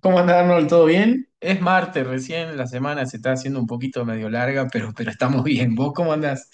¿Cómo anda Arnold? ¿Todo bien? Es martes, recién la semana se está haciendo un poquito medio larga, pero estamos bien. ¿Vos cómo andás?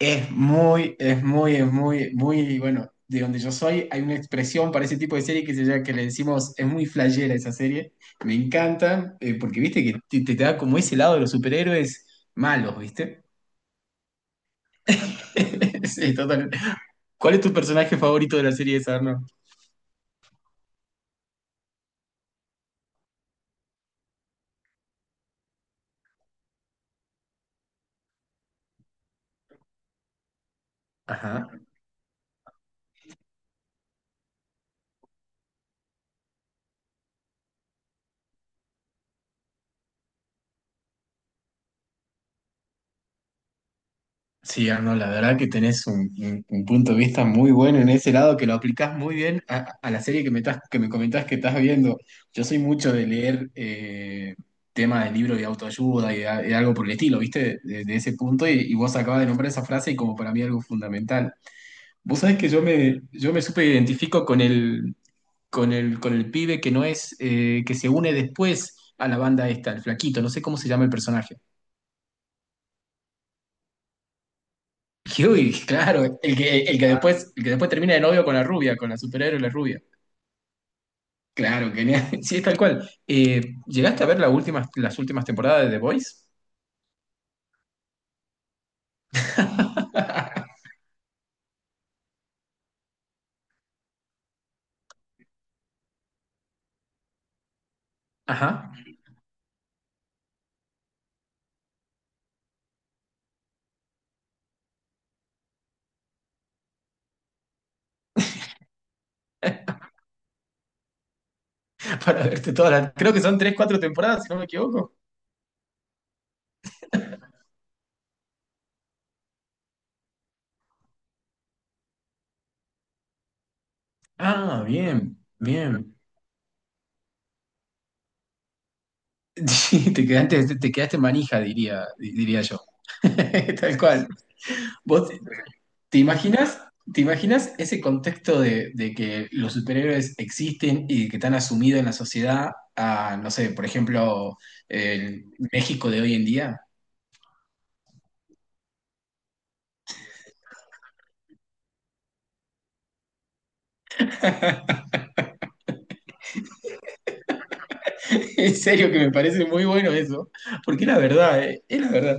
Es muy bueno, de donde yo soy hay una expresión para ese tipo de serie que, se llama, que le decimos, es muy flashera esa serie. Me encanta, porque viste que te da como ese lado de los superhéroes malos, ¿viste? Sí, total. ¿Cuál es tu personaje favorito de la serie esa, Arnold? Sí, Arnold, la verdad que tenés un punto de vista muy bueno en ese lado, que lo aplicás muy bien a la serie que que me comentás que estás viendo. Yo soy mucho de leer temas de libros de autoayuda de algo por el estilo, ¿viste? De ese punto, y vos acabas de nombrar esa frase y como para mí algo fundamental. Vos sabés que yo me súper identifico con el pibe que no es, que se une después a la banda esta, el flaquito, no sé cómo se llama el personaje. Huey, claro, el que después termina de novio con la rubia, con la superhéroe la rubia. Claro, genial. Sí, es tal cual. ¿Llegaste a ver las últimas temporadas de The Voice? Ajá. Para verte todas las. Creo que son tres, cuatro temporadas, si no me equivoco. Ah, bien, bien. Sí, te quedaste manija, diría yo. Tal cual. Vos, ¿Te imaginas, ¿te imaginas ese contexto de que los superhéroes existen y de que están asumidos en la sociedad a, no sé, por ejemplo, el México de hoy en día? En serio que me parece muy bueno eso, porque es la verdad, es la verdad.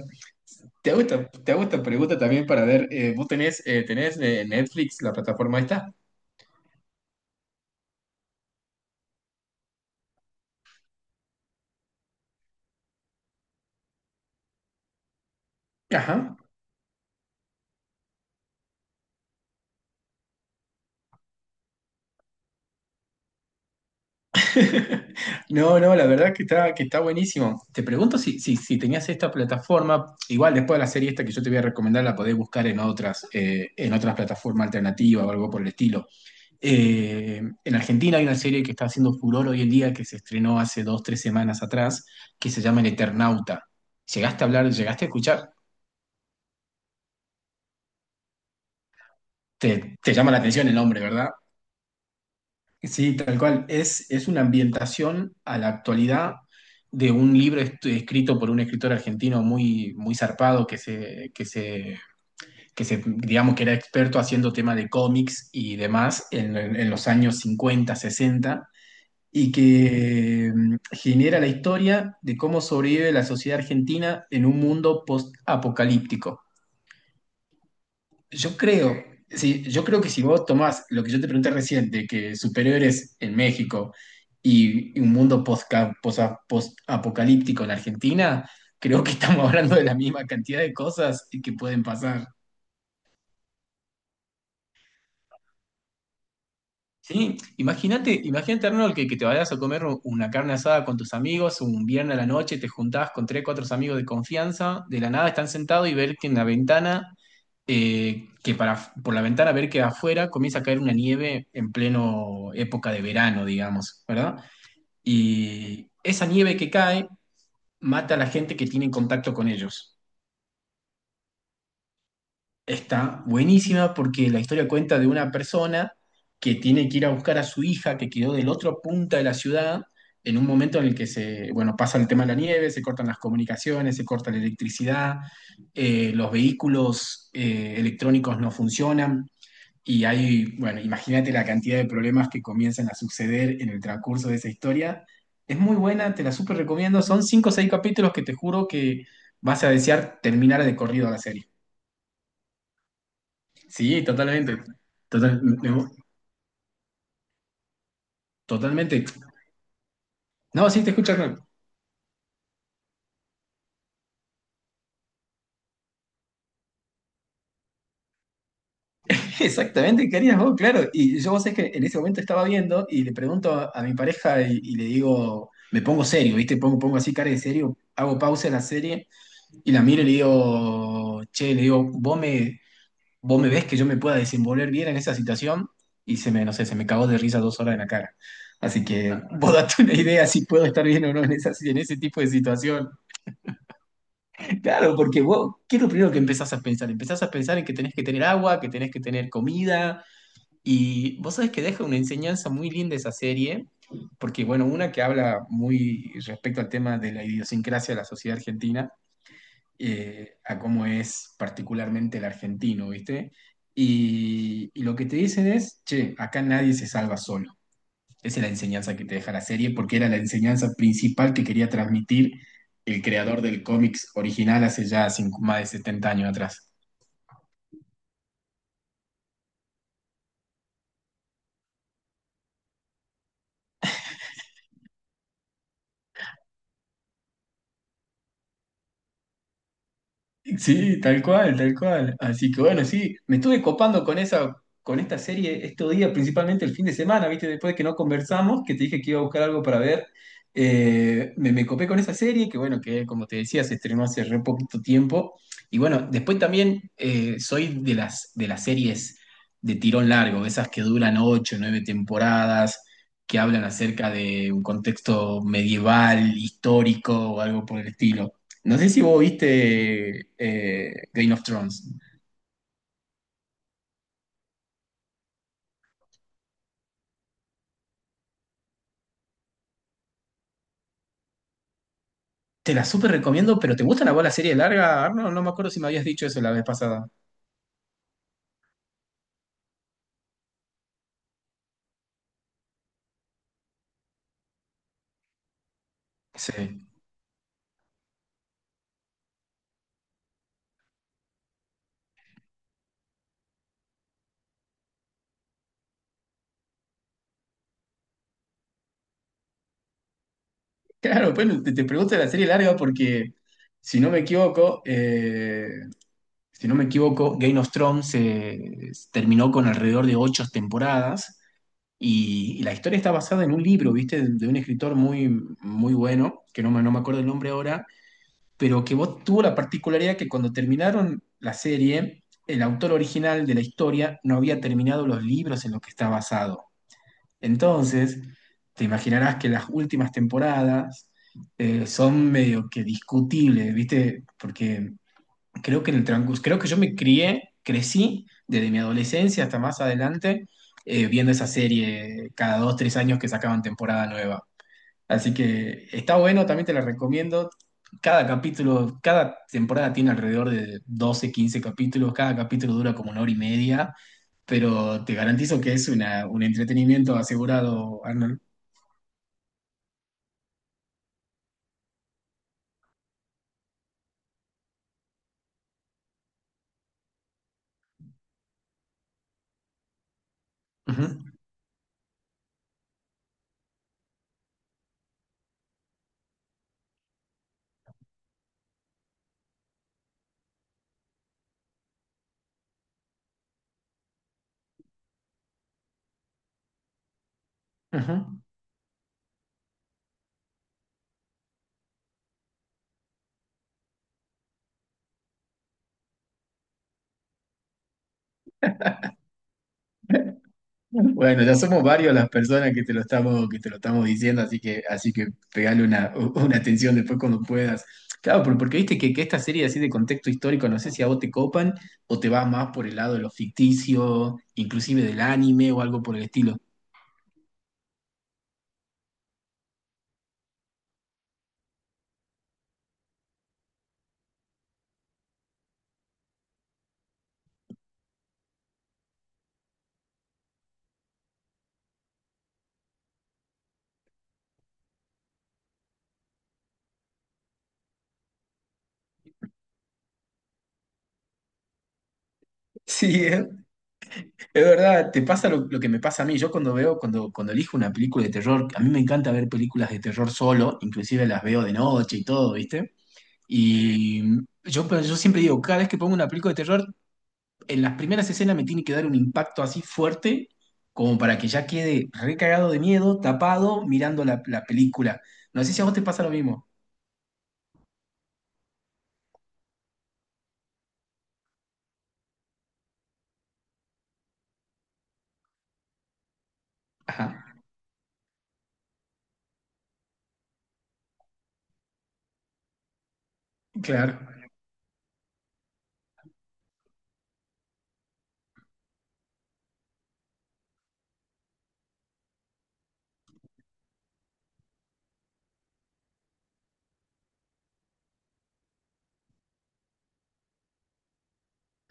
Te hago esta pregunta también para ver, ¿tenés Netflix, la plataforma esta? Ajá. No, no, la verdad que que está buenísimo. Te pregunto si tenías esta plataforma, igual después de la serie esta que yo te voy a recomendar, la podés buscar en otras plataformas alternativas o algo por el estilo. En Argentina hay una serie que está haciendo furor hoy en día, que se estrenó hace dos, tres semanas atrás, que se llama El Eternauta. ¿Llegaste a hablar, llegaste a escuchar? Te llama la atención el nombre, ¿verdad? Sí, tal cual. Es una ambientación a la actualidad de un libro escrito por un escritor argentino muy, muy zarpado que se, digamos que era experto haciendo tema de cómics y demás en los años 50 60 y que genera la historia de cómo sobrevive la sociedad argentina en un mundo post-apocalíptico. Yo creo, sí, yo creo que si vos tomás lo que yo te pregunté recién, de que superhéroes en México y un mundo post-apocalíptico en Argentina, creo que estamos hablando de la misma cantidad de cosas que pueden pasar. Sí, imagínate, imagínate, Arnold, que te vayas a comer una carne asada con tus amigos un viernes a la noche, te juntás con tres, cuatro amigos de confianza, de la nada están sentados y ver que en la ventana, por la ventana ver que afuera comienza a caer una nieve en pleno época de verano, digamos, ¿verdad? Y esa nieve que cae mata a la gente que tiene contacto con ellos. Está buenísima porque la historia cuenta de una persona que tiene que ir a buscar a su hija que quedó del otro punta de la ciudad en un momento en el que se, bueno, pasa el tema de la nieve, se cortan las comunicaciones, se corta la electricidad, los vehículos electrónicos no funcionan y hay, bueno, imagínate la cantidad de problemas que comienzan a suceder en el transcurso de esa historia. Es muy buena, te la súper recomiendo. Son cinco o seis capítulos que te juro que vas a desear terminar de corrido la serie. Sí, totalmente. Total- me- me- totalmente. No, sí, te escucho. Hernán. Exactamente, ¿qué harías vos? Claro. Y yo vos sé que en ese momento estaba viendo y le pregunto a mi pareja y le digo, me pongo serio, ¿viste? Pongo, pongo así cara de serio, hago pausa en la serie y la miro y le digo, che, le digo, ¿vos me ves que yo me pueda desenvolver bien en esa situación? Y se me, no sé, se me cagó de risa dos horas en la cara. Así que vos date una idea si puedo estar bien o no en esa, en ese tipo de situación. Claro, porque vos, ¿qué es lo primero que empezás a pensar? Empezás a pensar en que tenés que tener agua, que tenés que tener comida, y vos sabés que deja una enseñanza muy linda esa serie, porque bueno, una que habla muy respecto al tema de la idiosincrasia de la sociedad argentina, a cómo es particularmente el argentino, ¿viste? Y lo que te dicen es, che, acá nadie se salva solo. Esa es la enseñanza que te deja la serie, porque era la enseñanza principal que quería transmitir el creador del cómics original hace ya más de 70 años atrás. Sí, tal cual, tal cual. Así que bueno, sí, me estuve copando con esa, con esta serie estos días, principalmente el fin de semana, ¿viste? Después de que no conversamos, que te dije que iba a buscar algo para ver, me copé con esa serie, que bueno, que como te decía, se estrenó hace re poquito tiempo. Y bueno, después también soy de las series de tirón largo, de esas que duran ocho, nueve temporadas, que hablan acerca de un contexto medieval, histórico o algo por el estilo. No sé si vos viste Game of Thrones. Te la súper recomiendo, pero ¿te gusta la bola serie larga? Arnold, no me acuerdo si me habías dicho eso la vez pasada. Sí. Claro, bueno, te pregunto de la serie larga porque, si no me equivoco, si no me equivoco, Game of Thrones terminó con alrededor de ocho temporadas y la historia está basada en un libro, ¿viste? De un escritor muy, muy bueno, que no me acuerdo el nombre ahora, pero que vos tuvo la particularidad que cuando terminaron la serie, el autor original de la historia no había terminado los libros en los que está basado. Entonces, te imaginarás que las últimas temporadas son medio que discutibles, ¿viste? Porque creo que en el transcurso, creo que yo me crecí desde mi adolescencia hasta más adelante viendo esa serie cada dos, tres años que sacaban temporada nueva. Así que está bueno, también te la recomiendo. Cada capítulo, cada temporada tiene alrededor de 12, 15 capítulos. Cada capítulo dura como una hora y media, pero te garantizo que es una, un entretenimiento asegurado, Arnold. Ujú, ujú. Bueno, ya somos varios las personas que te lo estamos, que te lo estamos diciendo, así que pegale una atención después cuando puedas. Claro, pero porque viste que esta serie así de contexto histórico, no sé si a vos te copan o te va más por el lado de lo ficticio, inclusive del anime o algo por el estilo. Sí, es verdad, te pasa lo que me pasa a mí. Yo cuando veo, cuando elijo una película de terror, a mí me encanta ver películas de terror solo, inclusive las veo de noche y todo, ¿viste? Y yo, pero yo siempre digo, cada vez que pongo una película de terror, en las primeras escenas me tiene que dar un impacto así fuerte como para que ya quede recagado de miedo, tapado, mirando la, la película. No sé si a vos te pasa lo mismo. Ajá, claro,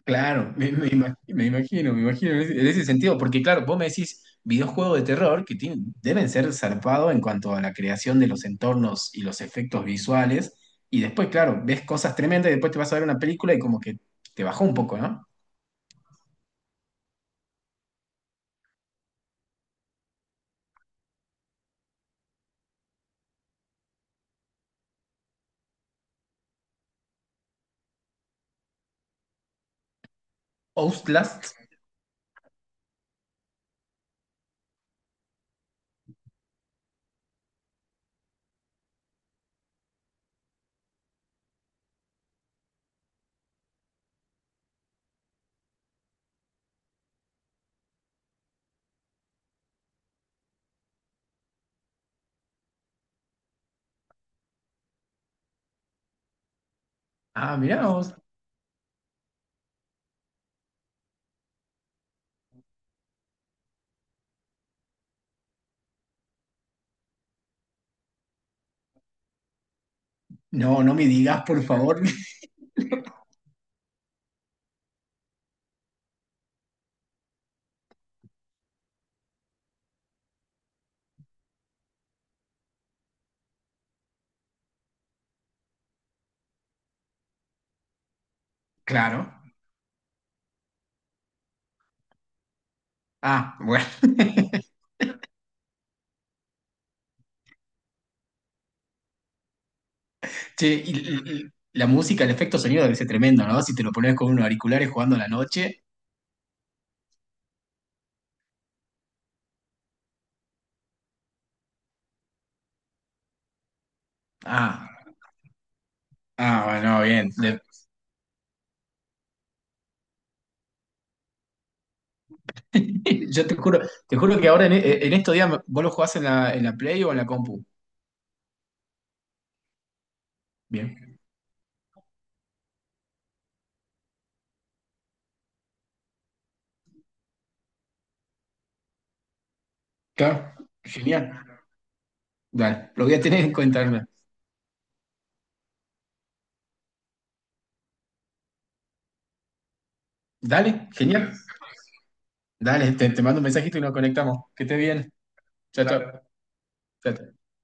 claro, me imagino en ese sentido, porque claro, vos me decís videojuegos de terror deben ser zarpados en cuanto a la creación de los entornos y los efectos visuales, y después, claro, ves cosas tremendas y después te vas a ver una película y como que te bajó un poco, ¿no? Outlast. Ah, mirá vos. No, no me digas, por favor. Claro. Ah, bueno. Che, y la música, el efecto sonido debe ser tremendo, ¿no? Si te lo pones con unos auriculares jugando a la noche. Ah, ah, bueno, bien. De- Yo te juro que ahora en estos días vos lo jugás en la Play o en la compu. Bien. Claro, genial. Dale, lo voy a tener en cuenta. Hernán. Dale, genial. Dale, te mando un mensajito y nos conectamos. Que estés bien. Chao, chao. Dale. Chao, chao.